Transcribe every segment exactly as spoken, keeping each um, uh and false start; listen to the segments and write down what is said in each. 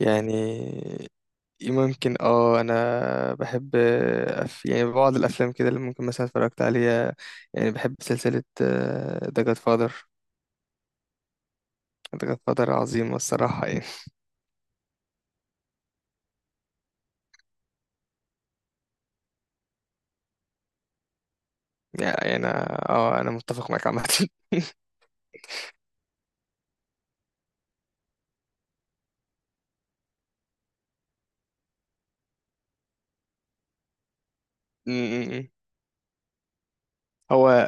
يعني ممكن اه انا بحب أف... يعني بعض الافلام كده اللي ممكن مثلا اتفرجت عليها. يعني بحب سلسلة ذا جاد فاذر. ذا جاد فاذر عظيمة الصراحة يعني. يعني انا اه انا متفق معاك عامة. م- م- م. هو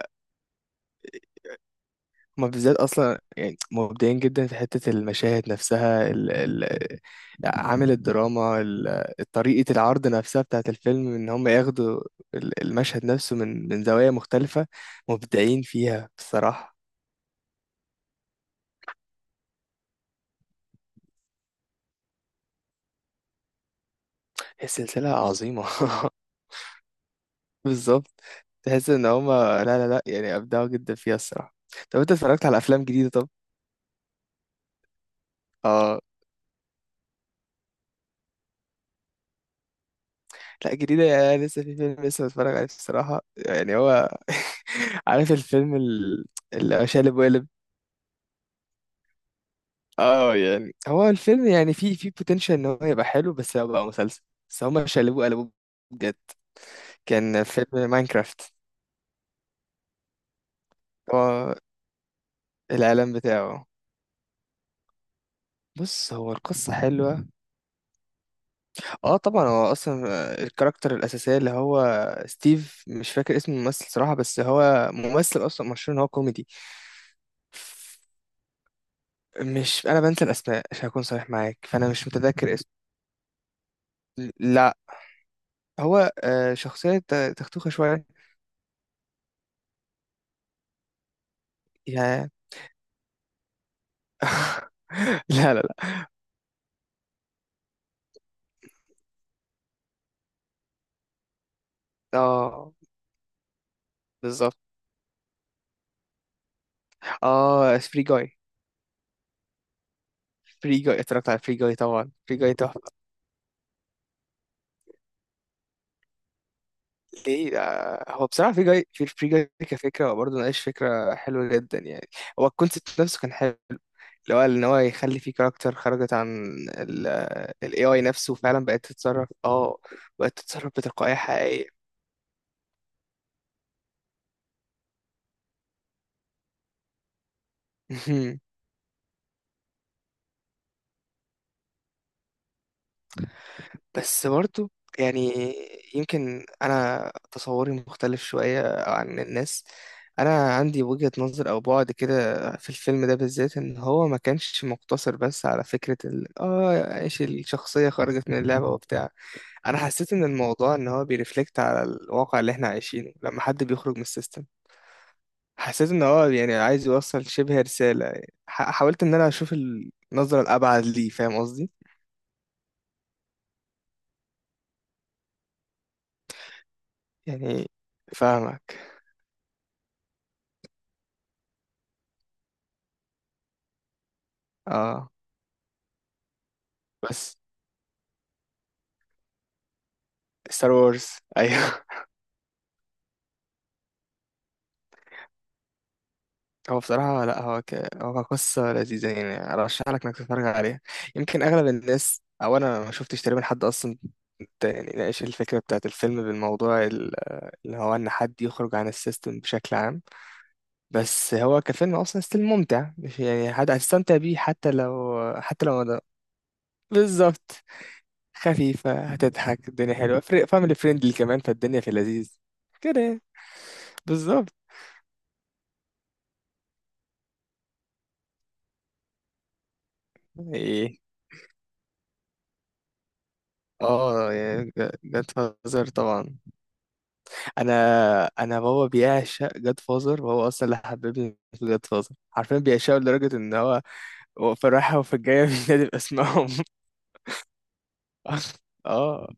هما بالذات اصلا يعني مبدعين جدا في حته المشاهد نفسها، ال ال عامل الدراما، ال- طريقه العرض نفسها بتاعت الفيلم ان هم ياخدوا ال- المشهد نفسه من من زوايا مختلفه. مبدعين فيها بصراحه. هي سلسله عظيمه. بالظبط، تحس ان هم لا لا لا يعني ابدعوا جدا فيها الصراحه. طب انت اتفرجت على افلام جديده؟ طب اه لا، جديده يعني لسه في فيلم لسه بتفرج عليه الصراحه، يعني هو عارف الفيلم ال- اللي هو شقلب وقلب. اه يعني هو الفيلم يعني فيه فيه بوتنشال ان هو يبقى حلو بس هو بقى مسلسل، بس هما شقلبوه قلبوه بجد. كان فيلم ماينكرافت. هو الإعلان بتاعه. بص، هو القصة حلوة. اه طبعا، هو اصلا الكاركتر الأساسية اللي هو ستيف، مش فاكر اسم الممثل صراحة بس هو ممثل اصلا مشهور ان هو كوميدي. مش، انا بنسى الاسماء عشان اكون صريح معاك، فانا مش متذكر اسم. لا، هو آه، شخصية تختوخة شوية. يا- لا لا لا. اه بالظبط. اه فري جاي، فري جاي، اتفرجت على فري جاي طبعا، فري جاي تحفه. ليه؟ آه، هو بصراحه فري جاي في فري جاي كفكره هو برضه ناقش فكره حلوه جدا يعني. هو الكونسيبت نفسه كان حلو، اللي هو ان هو يخلي فيه كاركتر خرجت عن الاي اي نفسه وفعلا بقت تتصرف، اه بقت تتصرف بتلقائيه حقيقيه. بس برضو يعني يمكن انا تصوري مختلف شوية عن الناس، انا عندي وجهة نظر او بعد كده في الفيلم ده بالذات، ان هو ما كانش مقتصر بس على فكرة ال اه ايش الشخصية خرجت من اللعبة وبتاع. انا حسيت ان الموضوع ان هو بيرفلكت على الواقع اللي احنا عايشينه لما حد بيخرج من السيستم. حسيت ان هو يعني عايز يوصل شبه رسالة. ح- حاولت ان انا اشوف النظرة الابعد ليه، فاهم قصدي؟ يعني فاهمك. اه بس ستار وورز. ايوه. هو بصراحة، لا، هو ك... هو قصة لذيذة، يعني أرشح لك إنك تتفرج عليها. يمكن أغلب الناس أو أنا ما شفتش تقريبا حد أصلا ت- يعني ناقش الفكرة بتاعت الفيلم بالموضوع ال- اللي هو إن حد يخرج عن السيستم بشكل عام. بس هو كفيلم أصلا ستيل ممتع، مش يعني حد هتستمتع بيه حتى لو حتى لو ما ده. بالظبط. خفيفة، هتضحك، الدنيا حلوة. فاميلي فريندلي كمان، فالدنيا في اللذيذ كده يعني. بالظبط. إيه. اه يعني جاد فازر طبعا. انا انا بابا بيعشق جاد فازر وهو اصلا اللي حببني في جاد فازر، عارفين بيعشقه لدرجه ان هو هو في الرايحه وفي الجايه بينادي باسمهم. اه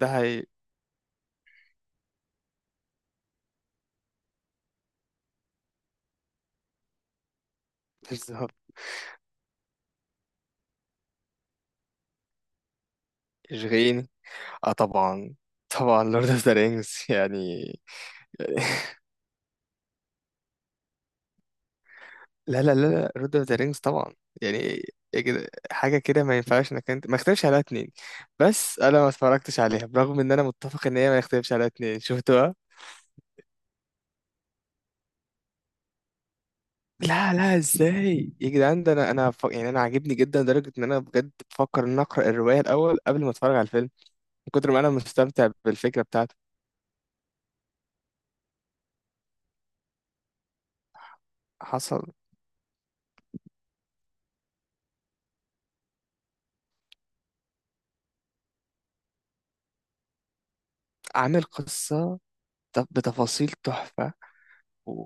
ده هي بالظبط. اشغيني. اه طبعا، طبعا لورد اوف ذا رينجز يعني. لا لا لا لا، لورد اوف ذا رينجز طبعا، يعني إيه كده، حاجه كده ما ينفعش انك انت ما يختلفش عليها اتنين، بس انا ما اتفرجتش عليها برغم ان انا متفق ان هي ما يختلفش عليها اتنين شفتوها. لا لا، ازاي يا جدعان؟ ده انا، انا ف... يعني انا عاجبني جدا لدرجه ان انا بجد بفكر ان أنا اقرا الروايه الاول قبل ما اتفرج على الفيلم، من كتر ما انا مستمتع بالفكره بتاعته. حصل. عامل قصه ط- بتفاصيل تحفه. و...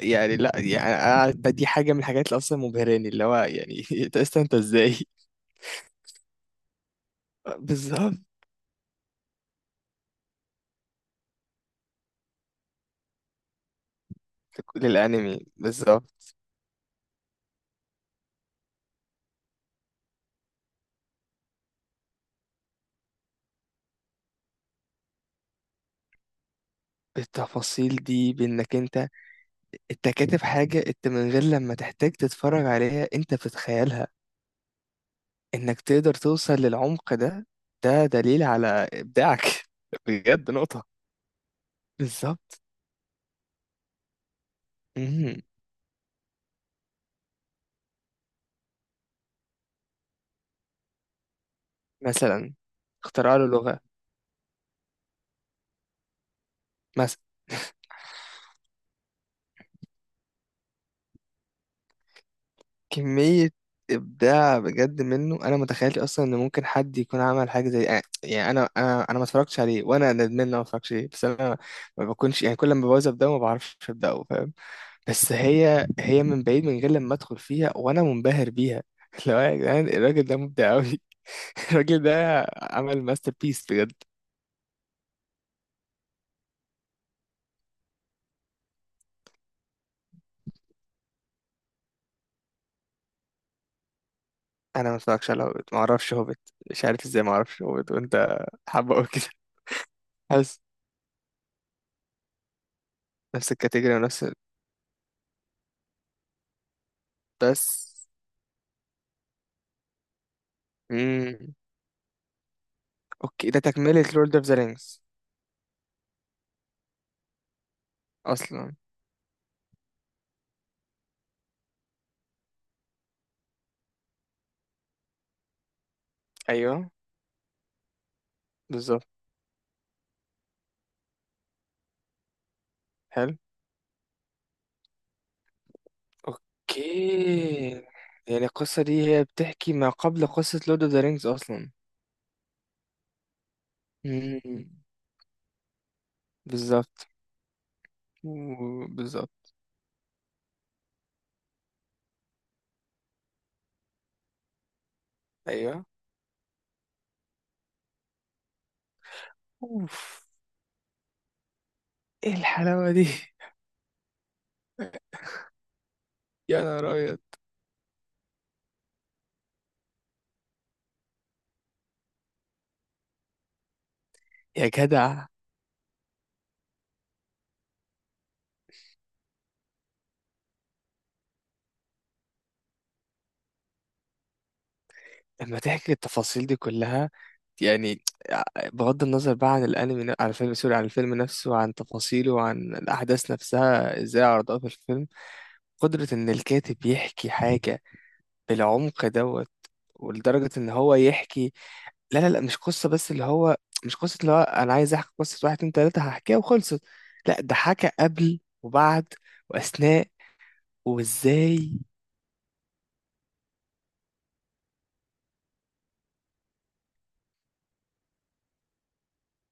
يعني لا، يعني أنا، ده دي حاجه من الحاجات اللي اصلا مبهراني، اللي هو يعني انت أصلاً انت ازاي؟ بالظبط، للانمي بالظبط. التفاصيل دي بانك انت انت كاتب حاجه انت من غير لما تحتاج تتفرج عليها انت بتتخيلها، انك تقدر توصل للعمق ده، ده دليل على ابداعك. بجد نقطة. بالظبط مهم. مثلا اختراع له لغة. مثلا كمية ابداع بجد منه، انا متخيلش اصلا ان ممكن حد يكون عمل حاجة زي، يعني يعني انا انا انا ما اتفرجتش عليه وانا ندمان ان انا ما اتفرجتش عليه، بس انا ما بكونش يعني كل ما ببوظ ابداع ما بعرفش ابداه، فاهم؟ بس هي هي من بعيد من غير لما ادخل فيها وانا منبهر بيها. لو يا جدعان الراجل ده مبدع قوي. الراجل ده عمل ماستر بيس بجد. انا ما اتفرجش على هوبت، ما اعرفش هوبت، مش عارف ازاي ما اعرفش هوبت وانت حابه قوي كده. حاسس نفس الكاتيجوري ونفس ال- بس. امم اوكي، ده تكملة لورد اوف ذا رينجز اصلا؟ ايوه بالظبط. حلو. اوكي يعني القصة دي هي بتحكي ما قبل قصة لورد اوف ذا رينجز اصلا. امم بالظبط. و- بالظبط. ايوه. اوف، ايه الحلاوة دي! يا نهار ابيض. يا جدع لما تحكي التفاصيل دي كلها، يعني بغض النظر بقى عن الانمي، عن الفيلم، سوري، عن الفيلم نفسه وعن تفاصيله وعن الاحداث نفسها ازاي عرضوها في الفيلم، قدرة ان الكاتب يحكي حاجة بالعمق دوت، ولدرجة ان هو يحكي، لا لا لا، مش قصة بس اللي هو، مش قصة اللي هو انا عايز احكي قصة واحد اتنين تلاتة هحكيها وخلصت، لا، ده حكى قبل وبعد واثناء وازاي.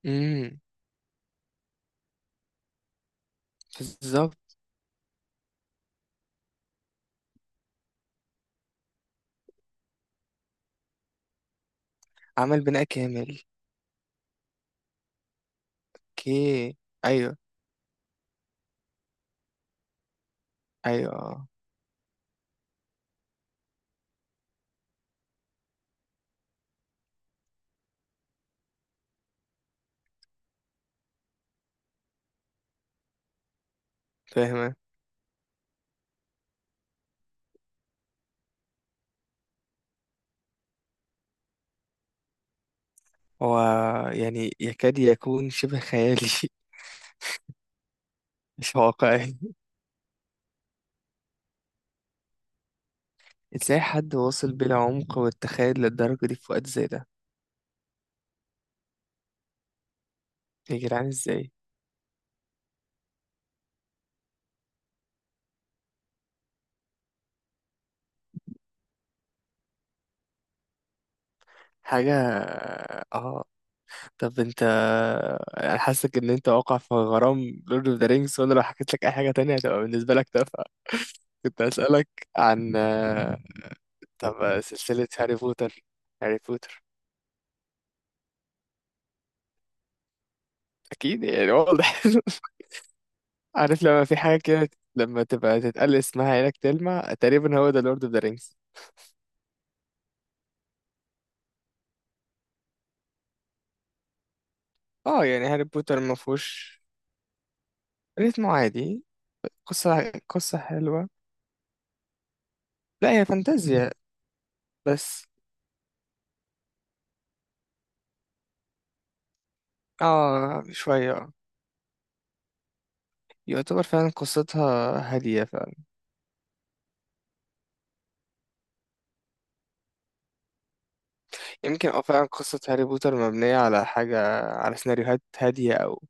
امم بالظبط، عمل بناء كامل. اوكي. ايوه، ايوه، آه. فاهم. هو يعني يكاد يكون شبه خيالي. مش واقعي. ازاي حد واصل بالعمق والتخيل للدرجة دي في وقت زي ده؟ يا جدعان ازاي؟ حاجة، اه طب انت، انا حاسك ان انت واقع في غرام لورد اوف ذا رينجز وانا لو حكيت لك اي حاجة تانية هتبقى بالنسبة لك تافهة. كنت هسألك عن، آه، طب سلسلة هاري بوتر. هاري بوتر اكيد يعني واضح. عارف لما في حاجة كده لما تبقى تتقال اسمها عينك تلمع تقريبا، هو ده لورد اوف ذا رينجز. اه يعني هاري بوتر ما فيهوش. ريتمه عادي. قصة قصة حلوة، لا هي فانتازيا بس. اه شوية، اه يعتبر فعلا قصتها هادية فعلا. يمكن اه فعلا قصة هاري بوتر مبنية على حاجة، على سيناريوهات هادية، أو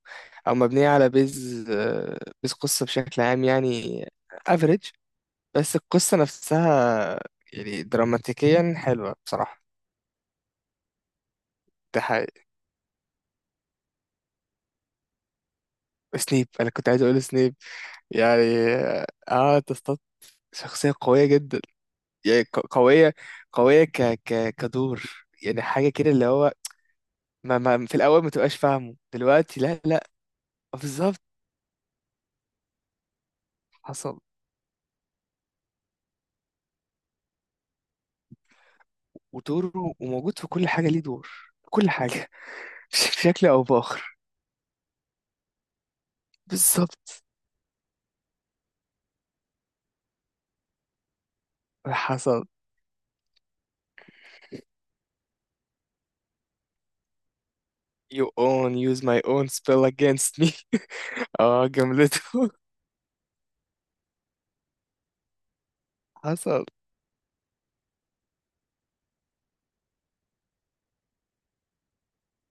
أو مبنية على بيز آه، بيز قصة بشكل عام يعني. افريج. بس القصة نفسها يعني دراماتيكيا حلوة بصراحة. ده حقيقي. سنيب، انا كنت عايز اقول سنيب. يعني اه تصطاد، شخصية قوية جدا. يعني ق- قوية قوية، ك ك كدور، يعني حاجة كده اللي هو ما, ما في الأول ما تبقاش فاهمه دلوقتي لا لا. بالظبط. حصل. ودوره وموجود في كل حاجة ليه دور، كل حاجة. بشكل أو بآخر. بالظبط. حصل. you own use my own spell against me. اه جملته. حصل.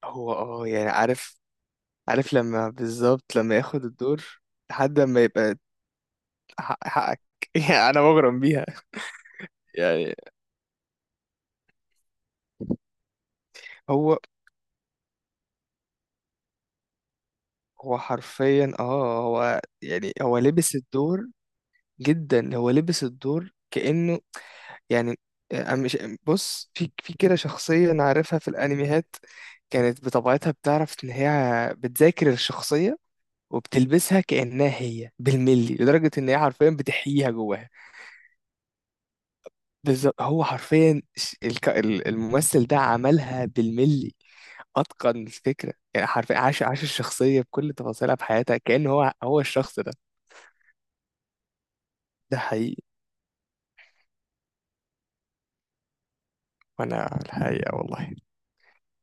هو اه يعني، عارف عارف لما بالظبط لما ياخد الدور لحد ما يبقى، حق- حقك. يعني انا مغرم بيها يعني. هو هو حرفيا اه هو يعني هو لبس الدور جدا. هو لبس الدور كأنه يعني. آه، أنا مش، بص في في كده شخصية أنا عارفها في الأنميات كانت بطبيعتها بتعرف إن هي بتذاكر الشخصية وبتلبسها كأنها هي بالملي لدرجة إن هي حرفيا بتحييها جواها. بالظبط. هو حرفيا ش- الك- ال- الممثل ده عملها بالملي. اتقن الفكره يعني حرفيا عاش عاش الشخصيه بكل تفاصيلها في حياتها كأن هو هو الشخص ده. ده حقيقي. وانا الحقيقه والله